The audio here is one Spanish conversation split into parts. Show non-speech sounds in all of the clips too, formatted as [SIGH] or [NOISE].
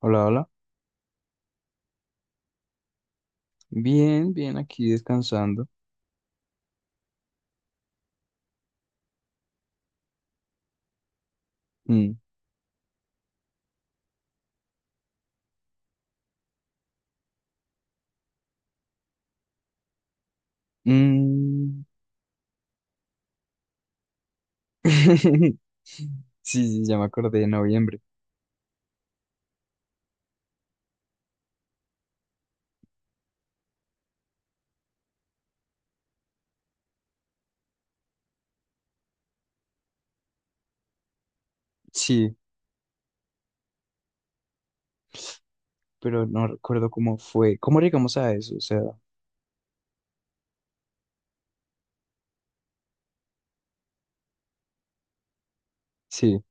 Hola, hola. Bien, bien, aquí descansando. Mm, mm. [LAUGHS] Sí, sí, ya me acordé de noviembre. Sí, pero no recuerdo cómo fue. ¿Cómo llegamos a eso? O sea, sí.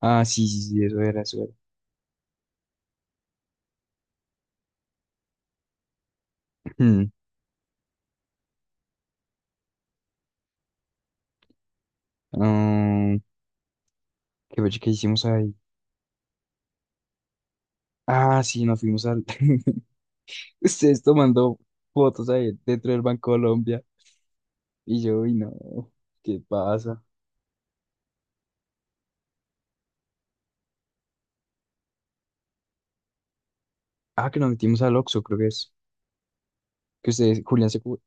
Ah, sí, sí, sí, eso era, eso era. Mm, ah, ¿qué, fue que hicimos ahí? Ah, sí, nos fuimos al... [LAUGHS] Ustedes tomando fotos ahí dentro del Banco Colombia. Y yo, uy, no, ¿qué pasa? Ah, que nos metimos al Oxxo, creo que es. Que ustedes,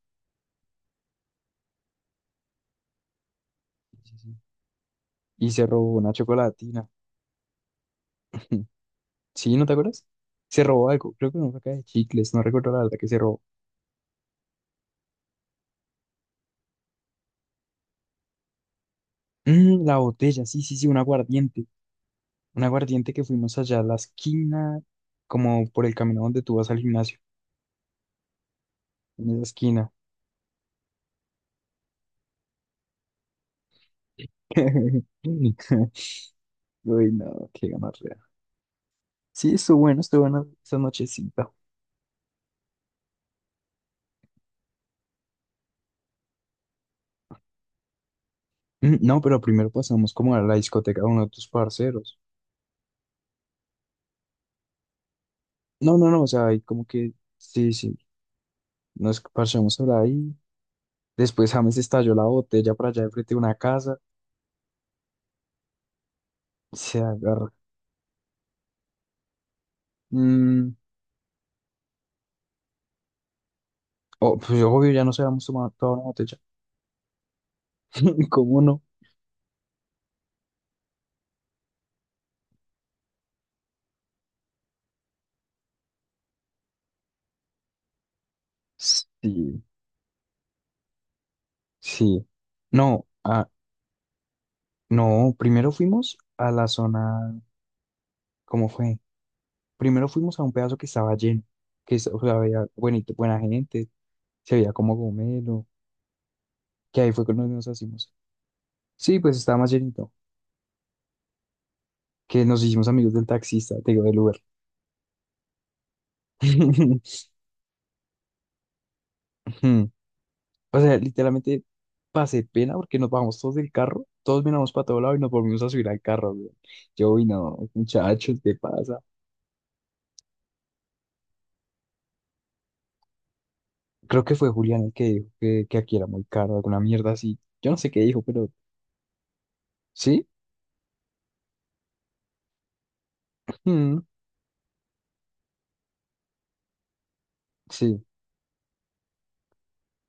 y se robó una chocolatina. [LAUGHS] ¿Sí? ¿No te acuerdas? Se robó algo, creo que una caja de chicles, no recuerdo la verdad que se robó. Mm, la botella, sí, sí, sí, un aguardiente. Un aguardiente que fuimos allá a la esquina, como por el camino donde tú vas al gimnasio, en esa esquina. [LAUGHS] Uy, no, qué gonorrea. Sí, estuvo bueno, estuvo buena esa nochecita. Mm, no, pero primero pasamos como a la discoteca de uno de tus parceros. No, no, no, o sea, ahí como que, sí, sí, nos parchamos por ahí. Después James estalló la botella por allá de frente de una casa. Se agarra. Mm, oh, pues obvio, ya no se habíamos tomado toda una botella. [LAUGHS] ¿Cómo no? Sí, sí. No, ah, no, primero fuimos a la zona. ¿Cómo fue? Primero fuimos a un pedazo que estaba lleno, o sea, había buenito, buena gente, se veía como gomelo, que ahí fue cuando nos hicimos. Sí, pues estaba más llenito, que nos hicimos amigos del taxista, te digo, del Uber. [LAUGHS] O sea, literalmente pasé pena porque nos bajamos todos del carro, todos miramos para todo lado y nos volvimos a subir al carro, güey. Yo, uy, no, muchachos, ¿qué pasa? Creo que fue Julián el que dijo que aquí era muy caro, alguna mierda así. Yo no sé qué dijo, pero sí. Mm, sí,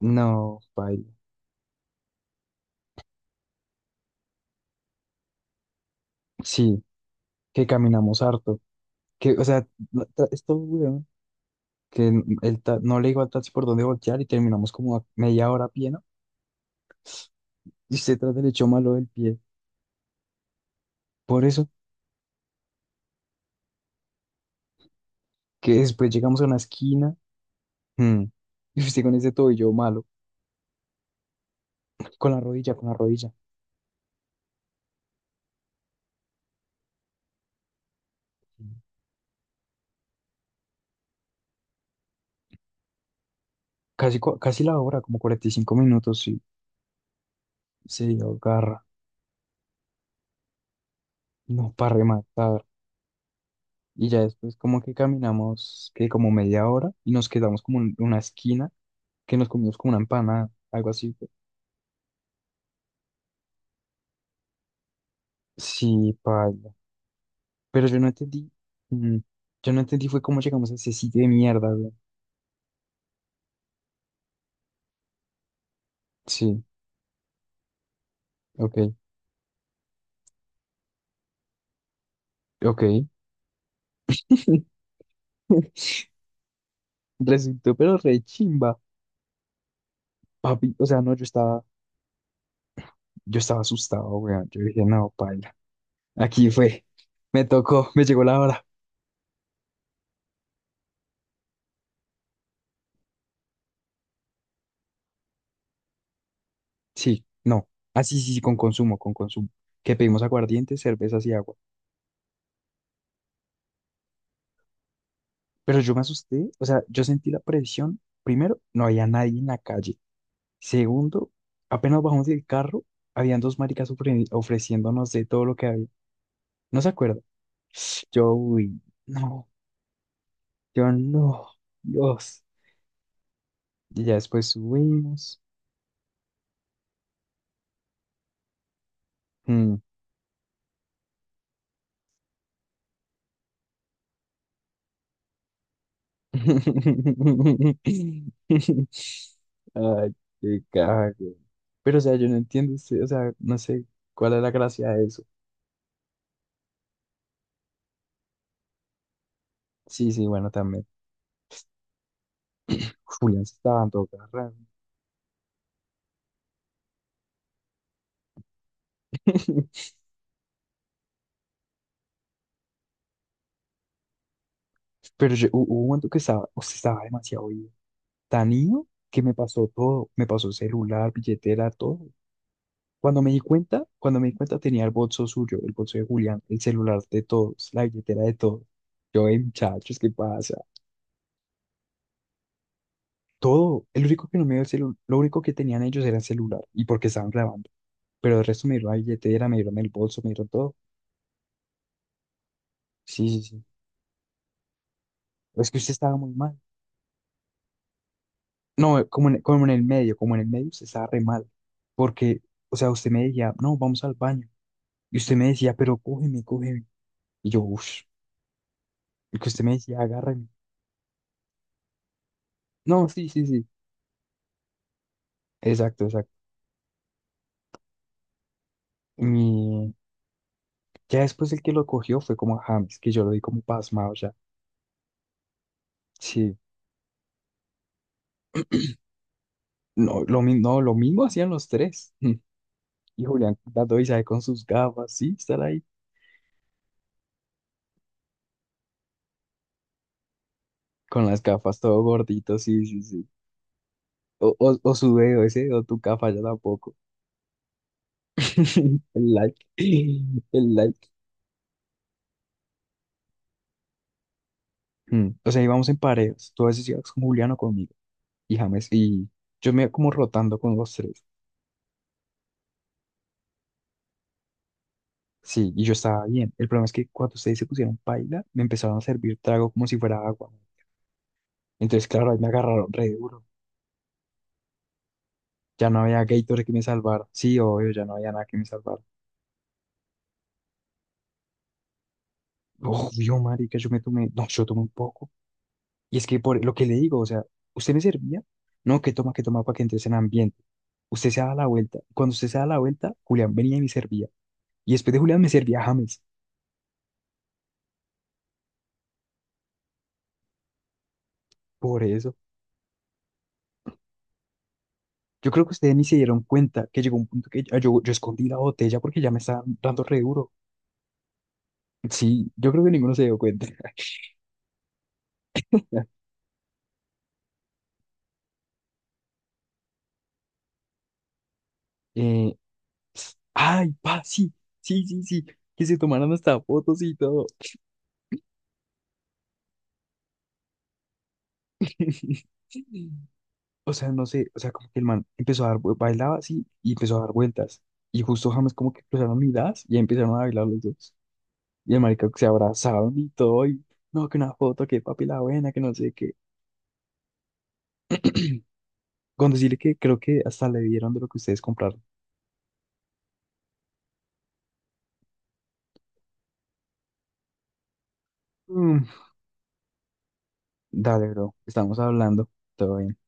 no, paila. Sí, que caminamos harto. Que, o sea, no, esto, güey, que no le digo al taxi por dónde voltear y terminamos como a media hora a pie, ¿no? Y se trata del hecho malo del pie. Por eso, que después llegamos a una esquina. Mm. [LAUGHS] Y usted con ese tobillo malo, con la rodilla, con la rodilla. Casi la hora, como 45 minutos, sí se agarra, no para rematar. Y ya después como que caminamos, que como media hora, y nos quedamos como en una esquina, que nos comimos como una empanada, algo así. Sí, paila. Pero yo no entendí, mm, yo no entendí fue cómo llegamos a ese sitio de mierda, güey. Sí, ok, ok. [LAUGHS] Resultó, pero re chimba, papi. O sea, no, yo estaba Yo estaba asustado, weón. Yo dije, no, paila. Aquí fue. Me tocó, me llegó la hora. Sí, no. Ah, sí, sí, sí, con consumo, con consumo. Que pedimos aguardiente, cervezas y agua. Pero yo me asusté, o sea, yo sentí la presión. Primero, no había nadie en la calle. Segundo, apenas bajamos del carro, habían dos maricas ofreciéndonos de todo lo que había. No se acuerda. Yo, uy, no, yo no, Dios. Y ya después subimos. Mm. [LAUGHS] Ay, qué caja, güey. Pero, o sea, yo no entiendo, sí, o sea, no sé cuál es la gracia de eso. Sí, sí, bueno, también. Julián se estaba dando garra. [LAUGHS] Pero yo, hubo un momento que estaba, o sea, estaba demasiado ido. Tan ido que me pasó todo. Me pasó celular, billetera, todo. Cuando me di cuenta, cuando me di cuenta tenía el bolso suyo, el bolso de Julián, el celular de todos, la billetera de todos. Yo, "Ey, muchachos, ¿qué pasa? Todo, el único que no me dio el celular, lo único que tenían ellos era el celular y porque estaban grabando. Pero el resto me dieron la billetera, me dieron el bolso, me dieron todo. Sí, sí, sí. Es que usted estaba muy mal. No, como en, como en el medio, como en el medio usted estaba re mal. Porque, o sea, usted me decía, no, vamos al baño. Y usted me decía, pero cógeme, cógeme. Y yo, uff. Y que usted me decía, agárrame. No, sí, sí, sí. Exacto, exacto. Y ya después el que lo cogió fue como a James, que yo lo vi como pasmado ya. Sí. No, no, lo mismo hacían los tres. [LAUGHS] Y Julián Dadoiza ahí con sus gafas, sí, estar ahí con las gafas todo gordito, sí, sí, sí. O su dedo ese, o tu gafa ya tampoco. [LAUGHS] El like, el like. Mm, o sea, íbamos en parejas. Tú a veces ibas con Julián o conmigo. Y James, y yo me iba como rotando con los tres. Sí, y yo estaba bien. El problema es que cuando ustedes se pusieron paila, me empezaron a servir trago como si fuera agua. Entonces, claro, ahí me agarraron re duro. Ya no había Gatorade que me salvara. Sí, obvio, ya no había nada que me salvara. Obvio, marica, yo me tomé, no, yo tomé un poco. Y es que por lo que le digo, o sea, usted me servía, no, que toma para que entres en ambiente. Usted se da la vuelta. Cuando usted se da la vuelta, Julián venía y me servía. Y después de Julián me servía James. Por eso. Yo creo que ustedes ni se dieron cuenta que llegó un punto que yo escondí la botella porque ya me estaba dando re duro. Sí, yo creo que ninguno se dio cuenta. [LAUGHS] Eh, ay, pa, sí, sí, sí, sí. Que se tomaron hasta fotos y todo. [LAUGHS] O sea, no sé, o sea, como que el man empezó a dar, bailaba así y empezó a dar vueltas. Y justo James como que cruzaron miradas y ahí empezaron a bailar los dos. Y el marica se abrazaron y todo, y no, que una foto, que papi la buena, que no sé qué. [CLEARS THROAT] Con decirle que creo que hasta le dieron de lo que ustedes compraron. Mm, dale, bro, estamos hablando, todo bien.